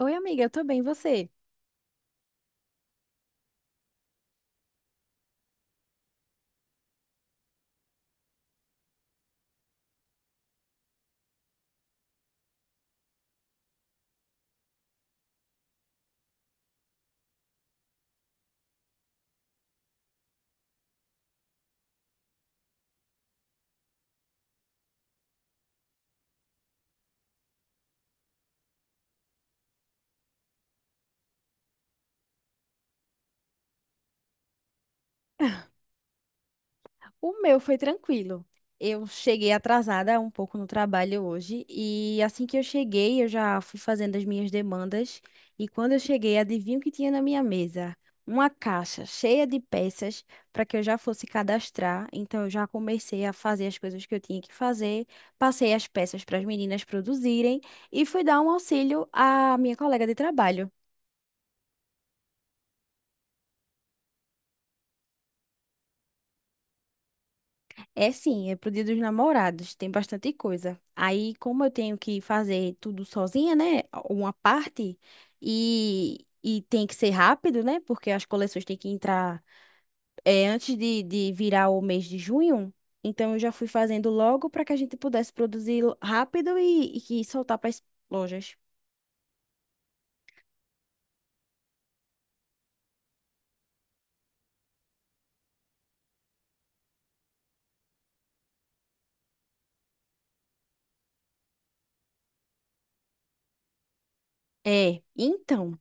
Oi, amiga, eu tô bem, e você? O meu foi tranquilo. Eu cheguei atrasada um pouco no trabalho hoje e assim que eu cheguei, eu já fui fazendo as minhas demandas e quando eu cheguei, adivinha o que tinha na minha mesa? Uma caixa cheia de peças para que eu já fosse cadastrar. Então eu já comecei a fazer as coisas que eu tinha que fazer, passei as peças para as meninas produzirem e fui dar um auxílio à minha colega de trabalho. É sim, é pro Dia dos Namorados, tem bastante coisa. Aí, como eu tenho que fazer tudo sozinha, né? Uma parte, e tem que ser rápido, né? Porque as coleções têm que entrar antes de virar o mês de junho. Então, eu já fui fazendo logo para que a gente pudesse produzir rápido e que soltar para as lojas. É, então.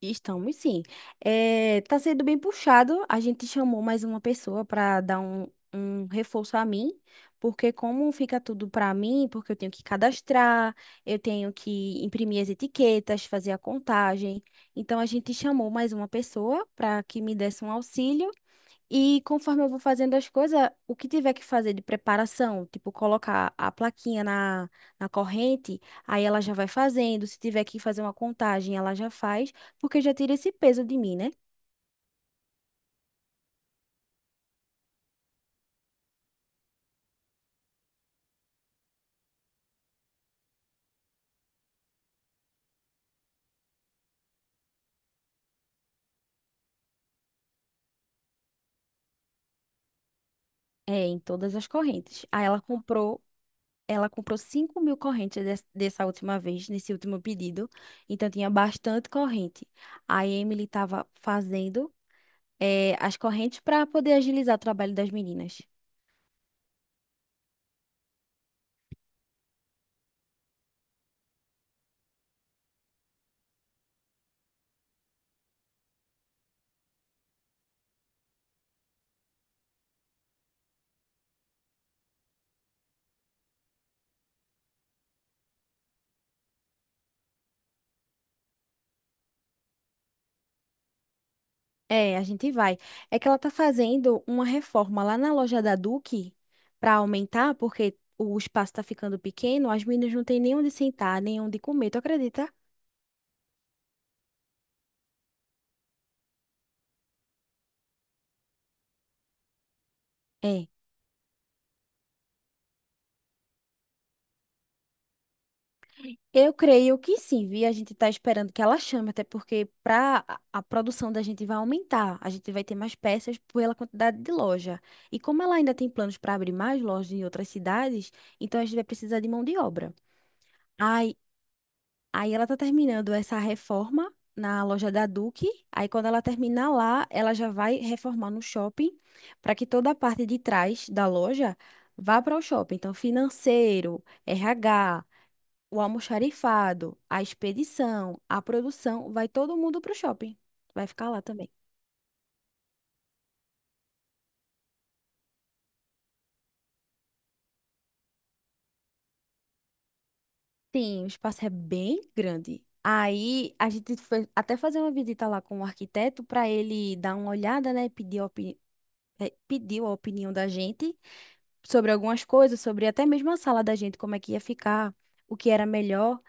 Estamos sim. É tá sendo bem puxado. A gente chamou mais uma pessoa para dar um, um reforço a mim, porque como fica tudo para mim, porque eu tenho que cadastrar, eu tenho que imprimir as etiquetas, fazer a contagem. Então a gente chamou mais uma pessoa para que me desse um auxílio. E conforme eu vou fazendo as coisas, o que tiver que fazer de preparação, tipo colocar a plaquinha na corrente, aí ela já vai fazendo. Se tiver que fazer uma contagem, ela já faz, porque já tira esse peso de mim, né? É, em todas as correntes. Ela comprou 5.000 correntes dessa última vez, nesse último pedido. Então tinha bastante corrente. Aí a Emily estava fazendo, as correntes para poder agilizar o trabalho das meninas. É, a gente vai. É que ela tá fazendo uma reforma lá na loja da Duque para aumentar, porque o espaço tá ficando pequeno, as meninas não têm nem onde sentar, nem onde comer, tu acredita? É. Eu creio que sim, vi. A gente tá esperando que ela chame, até porque pra a produção da gente vai aumentar. A gente vai ter mais peças pela quantidade de loja. E como ela ainda tem planos para abrir mais lojas em outras cidades, então a gente vai precisar de mão de obra. Ai, Aí ela tá terminando essa reforma na loja da Duque. Aí quando ela terminar lá, ela já vai reformar no shopping para que toda a parte de trás da loja vá para o shopping. Então, financeiro, RH, o almoxarifado, a expedição, a produção, vai todo mundo para o shopping. Vai ficar lá também. Sim, o espaço é bem grande. Aí a gente foi até fazer uma visita lá com o arquiteto para ele dar uma olhada, né? Pedir a opini- eh, pediu a opinião da gente sobre algumas coisas, sobre até mesmo a sala da gente, como é que ia ficar, o que era melhor.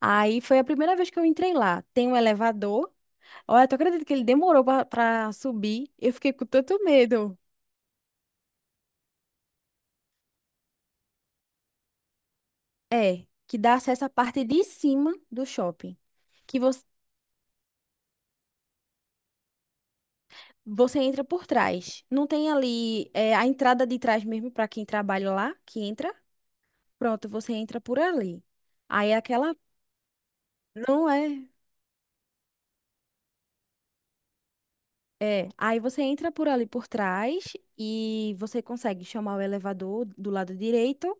Aí foi a primeira vez que eu entrei lá. Tem um elevador. Olha, tu acredita que ele demorou pra subir? Eu fiquei com tanto medo. É, que dá acesso à parte de cima do shopping, que você, você entra por trás. Não tem ali a entrada de trás mesmo para quem trabalha lá, que entra. Pronto, você entra por ali. Aí aquela não é. É, aí você entra por ali por trás e você consegue chamar o elevador do lado direito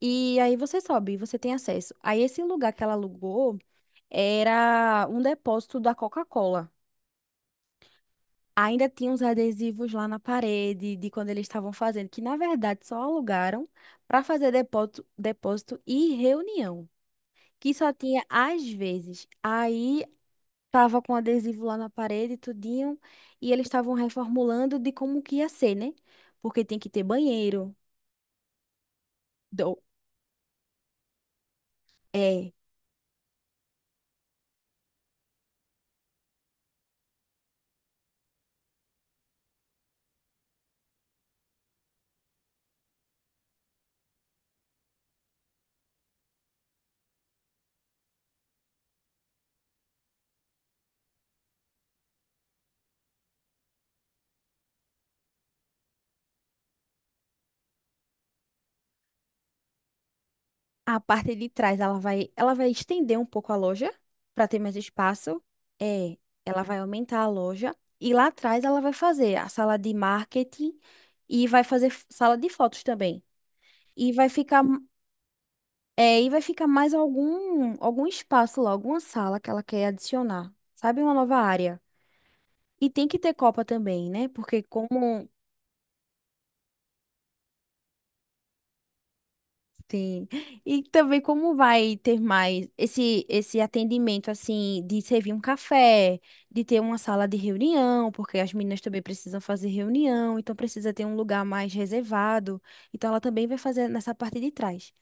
e aí você sobe, você tem acesso. Aí esse lugar que ela alugou era um depósito da Coca-Cola. Ainda tinha uns adesivos lá na parede de quando eles estavam fazendo, que na verdade só alugaram para fazer depósito, depósito e reunião, que só tinha às vezes. Aí Tava com adesivo lá na parede, tudinho, e eles estavam reformulando de como que ia ser, né? Porque tem que ter banheiro, do, é, a parte de trás, ela vai estender um pouco a loja para ter mais espaço. É, ela vai aumentar a loja e lá atrás ela vai fazer a sala de marketing e vai fazer sala de fotos também. E vai ficar, e vai ficar mais algum espaço lá, alguma sala que ela quer adicionar. Sabe, uma nova área. E tem que ter copa também, né? Porque como sim. E também como vai ter mais esse atendimento assim de servir um café, de ter uma sala de reunião, porque as meninas também precisam fazer reunião, então precisa ter um lugar mais reservado. Então ela também vai fazer nessa parte de trás.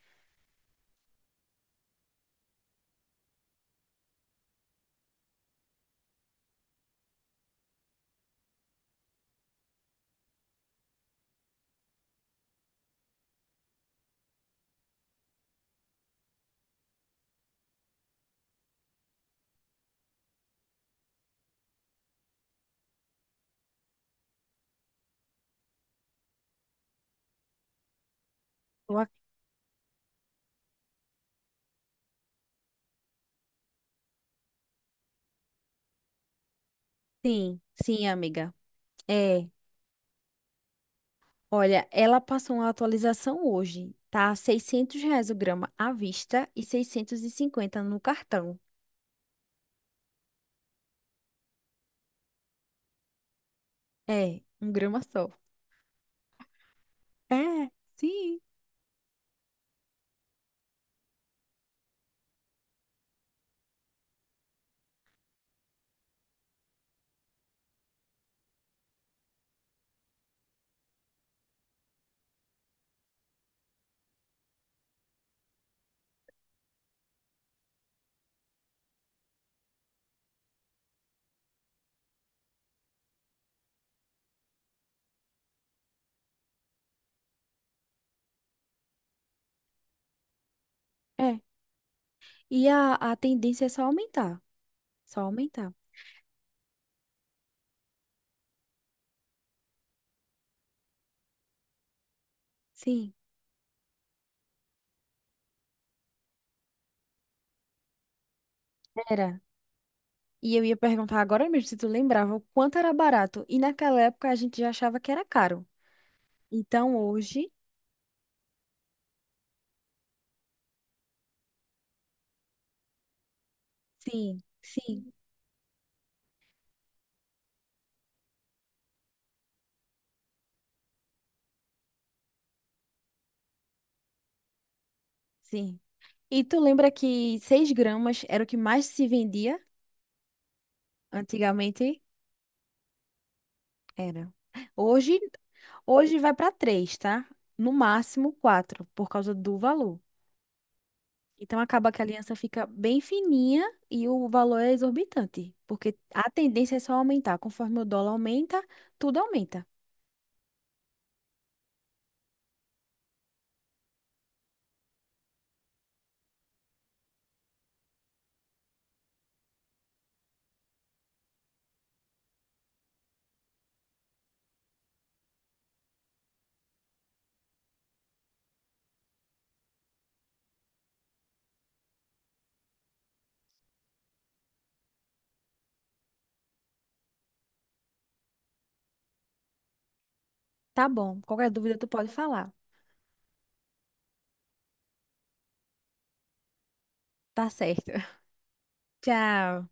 Eu ac- Sim, sim, amiga. É, olha, ela passou uma atualização hoje. Tá R$ 600 o grama à vista e 650 no cartão. É, um grama só. É, sim, é. E a tendência é só aumentar, só aumentar. Sim, era. E eu ia perguntar agora mesmo se tu lembrava o quanto era barato. E naquela época a gente já achava que era caro. Então hoje, sim, sim, sim. E tu lembra que 6 gramas era o que mais se vendia antigamente? Era. Hoje, hoje vai para 3, tá? No máximo 4 por causa do valor. Então acaba que a aliança fica bem fininha e o valor é exorbitante, porque a tendência é só aumentar. Conforme o dólar aumenta, tudo aumenta. Tá bom. Qualquer dúvida tu pode falar. Tá certo. Tchau.